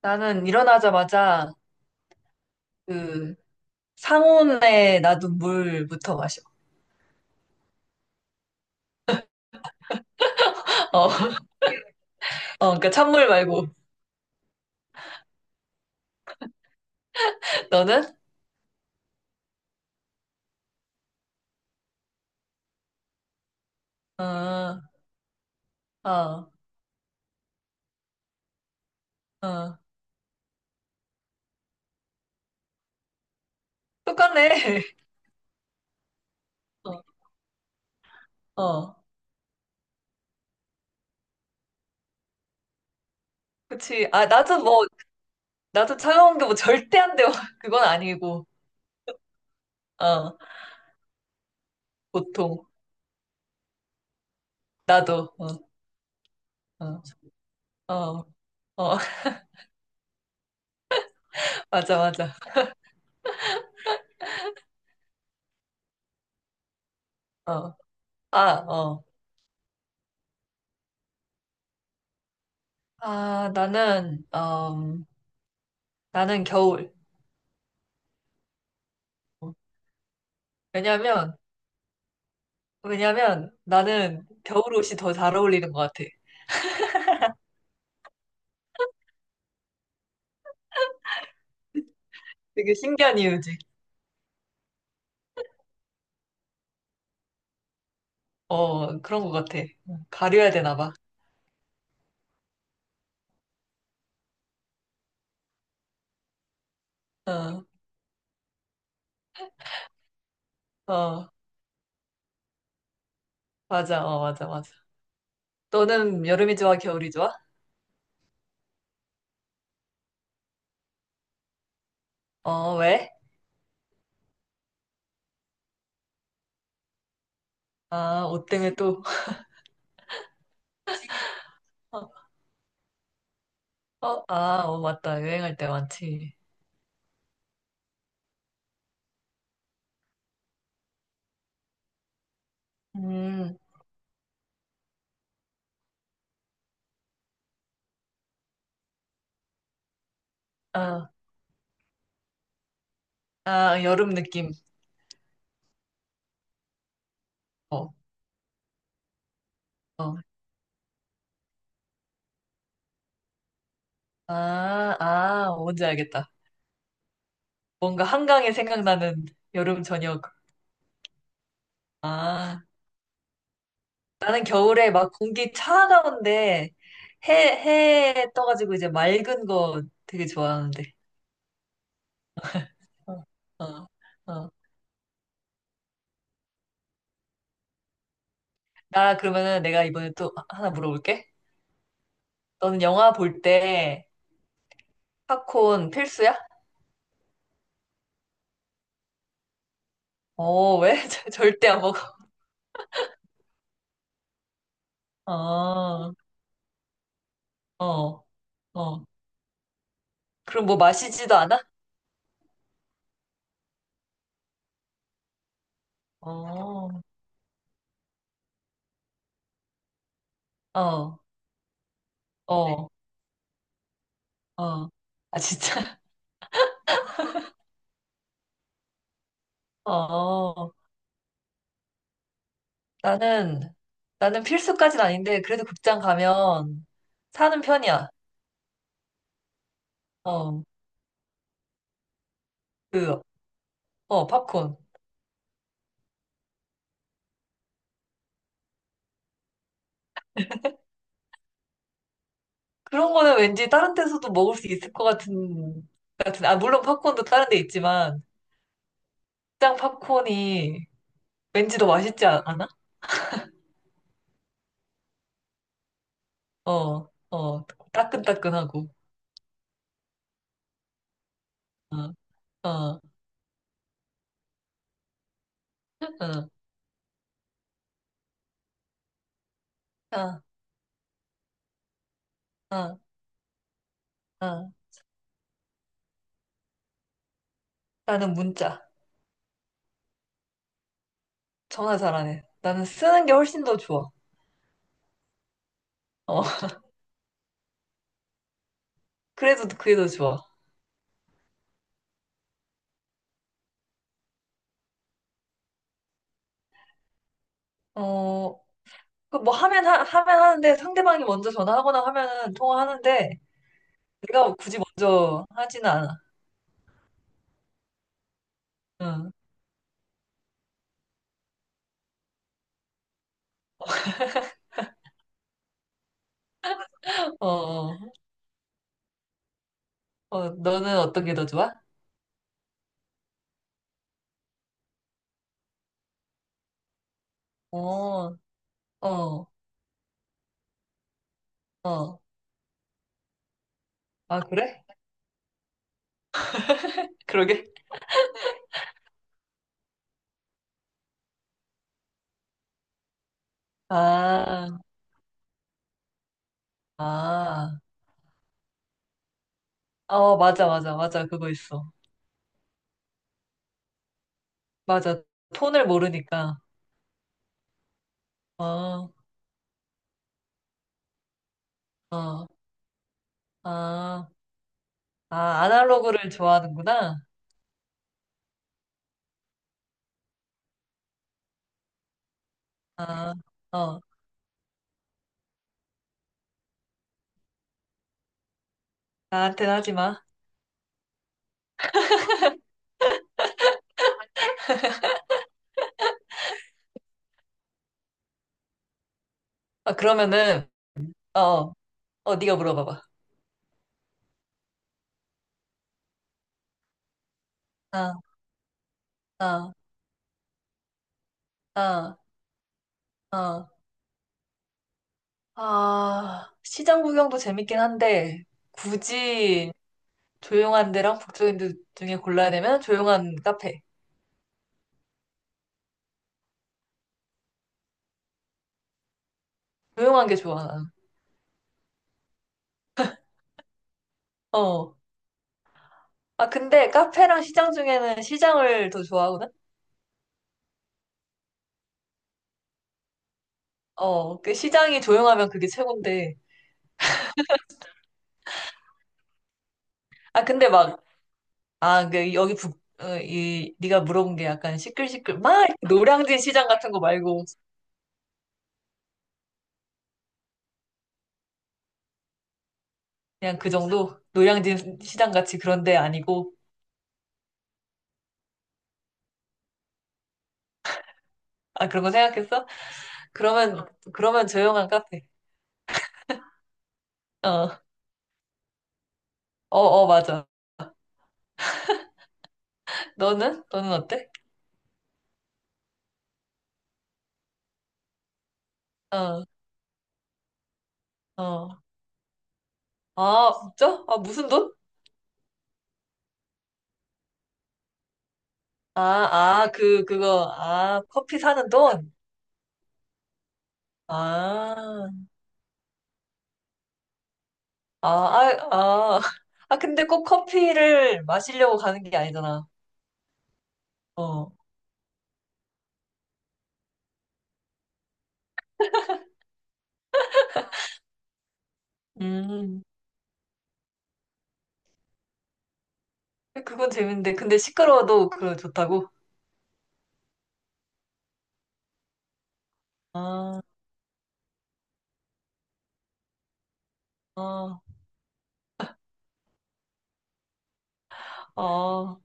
나는 일어나자마자 그 상온에 놔둔 물부터 마셔. 어, 어, 그러니까 찬물 말고. 너는? 어, 어, 어. 똑같네. 어, 어. 그치. 아, 나도 뭐, 나도 차가운 게 뭐 절대 안 돼. 그건 아니고. 어, 보통. 나도. 어, 어, 어, 어. 맞아, 맞아. 어. 아, 어. 아, 나는 겨울. 왜냐면, 왜냐면 나는 겨울 옷이 더 잘 어울리는 것 같아. 되게 신기한 이유지. 어, 그런 것 같아. 응, 가려야 되나 봐. 어, 어, 맞아, 맞아, 맞아. 너는 여름이 좋아, 겨울이 좋아? 어, 왜? 아, 옷 때문에 또, 어, 아, 어, 맞다. 여행할 때 많지. 음, 아, 아, 여름 느낌. 어, 어. 아, 아, 뭔지 알겠다. 뭔가 한강에 생각나는 여름 저녁. 아. 나는 겨울에 막 공기 차가운데 해 떠가지고 이제 맑은 거 되게 좋아하는데. 어, 어, 어. 나 그러면은 내가 이번에 또 하나 물어볼게. 너는 영화 볼 때 팝콘 필수야? 어, 왜? 절대 안 먹어. 어, 어, 어. 그럼 뭐 마시지도 않아? 어, 어, 어, 어. 아, 진짜? 어. 나는, 나는 필수까진 아닌데, 그래도 극장 가면 사는 편이야. 어, 그, 팝콘. 그런 거는 왠지 다른 데서도 먹을 수 있을 것 같은, 아, 물론 팝콘도 다른 데 있지만, 극장 팝콘이 왠지 더 맛있지 않아? 어, 어, 따끈따끈하고. 어, 어, 어, 어, 어, 어. 나는 문자. 전화 잘안 해. 나는 쓰는 게 훨씬 더 좋아. 어, 그래도 그게 더 좋아. 어, 그뭐 하면 하는데 상대방이 먼저 전화하거나 하면은 통화하는데 내가 굳이 먼저 하지는 않아. 응. 어, 어, 어, 너는 어떤 게 더 좋아? 어, 어, 어. 아, 그래? 그러게. 아, 아. 어, 맞아, 맞아, 맞아. 그거 있어. 맞아. 톤을 모르니까. 어, 어, 아, 아, 아날로그를 좋아하는구나. 아, 어. 나한테는 하지 마. 아, 그러면은, 어, 어, 어, 네가 물어봐봐. 아, 아. 아, 아, 아, 시장 구경도 재밌긴 한데, 굳이 조용한 데랑 북적인 데 중에 골라야 되면 조용한 카페. 조용한 게 좋아, 나는. 어. 아, 근데 카페랑 시장 중에는 시장을 더 좋아하거든? 어, 그 시장이 조용하면 그게 최고인데. 아, 근데 막, 아, 그 여기 북, 어, 이, 네가 물어본 게 약간 시끌시끌, 막 이렇게 노량진 시장 같은 거 말고, 그냥 그 정도? 노량진 시장 같이 그런 데 아니고, 아, 그런 거 생각했어? 그러면, 그러면, 조용한 카페. 어, 어, 어, 맞아. 너는? 너는 어때? 어, 어. 아, 진짜? 아, 무슨 돈? 아, 아, 그거, 아, 커피 사는 돈? 아, 아, 아, 아. 아, 근데 꼭 커피를 마시려고 가는 게 아니잖아. 어, 음, 그건 재밌는데. 근데 시끄러워도 그거 좋다고? 아, 어, 어,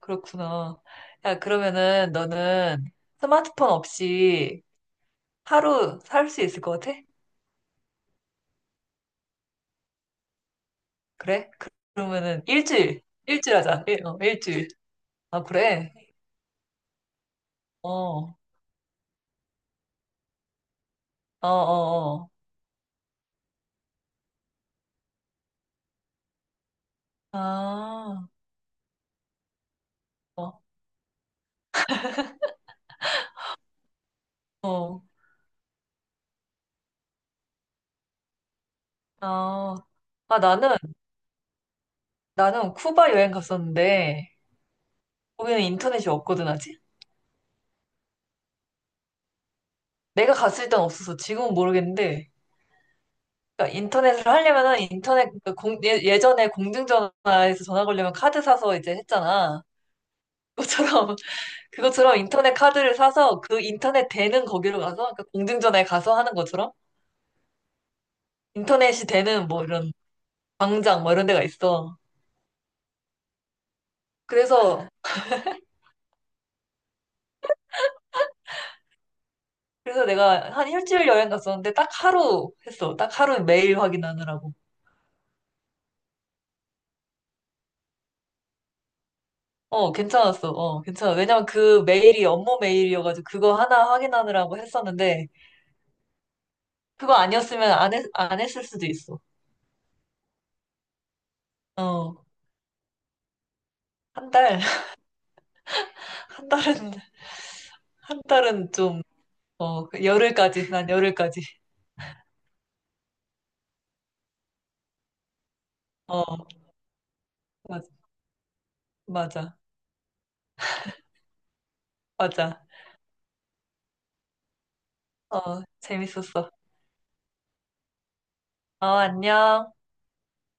그렇구나. 야, 그러면은 너는 스마트폰 없이 하루 살 수 있을 것 같아? 그래? 그러면은 일주일 하자. 일주일. 아, 그래? 어, 어, 어, 어. 아, 어, 어, 아. 아, 나는 쿠바 여행 갔었는데, 거기는 인터넷이 없거든, 아직? 내가 갔을 땐 없어서 지금은 모르겠는데, 그러니까 인터넷을 하려면은 인터넷, 그 공, 예, 예전에 공중전화에서 전화 걸려면 카드 사서 이제 했잖아. 그것처럼 인터넷 카드를 사서 그 인터넷 되는 거기로 가서 그러니까 공중전화에 가서 하는 것처럼 인터넷이 되는 뭐 이런 광장 뭐 이런 데가 있어. 그래서 그래서 내가 한 일주일 여행 갔었는데 딱 하루 했어. 딱 하루 메일 확인하느라고. 어, 괜찮았어. 어, 괜찮아. 왜냐면 그 메일이 업무 메일이어가지고 그거 하나 확인하느라고 했었는데 그거 아니었으면 안 했을 수도 있어. 어, 한 달, 한 달은, 한 달은 좀, 어, 열흘까지, 난 열흘까지. 어, 맞아. 맞아. 맞아. 어, 재밌었어. 어, 안녕.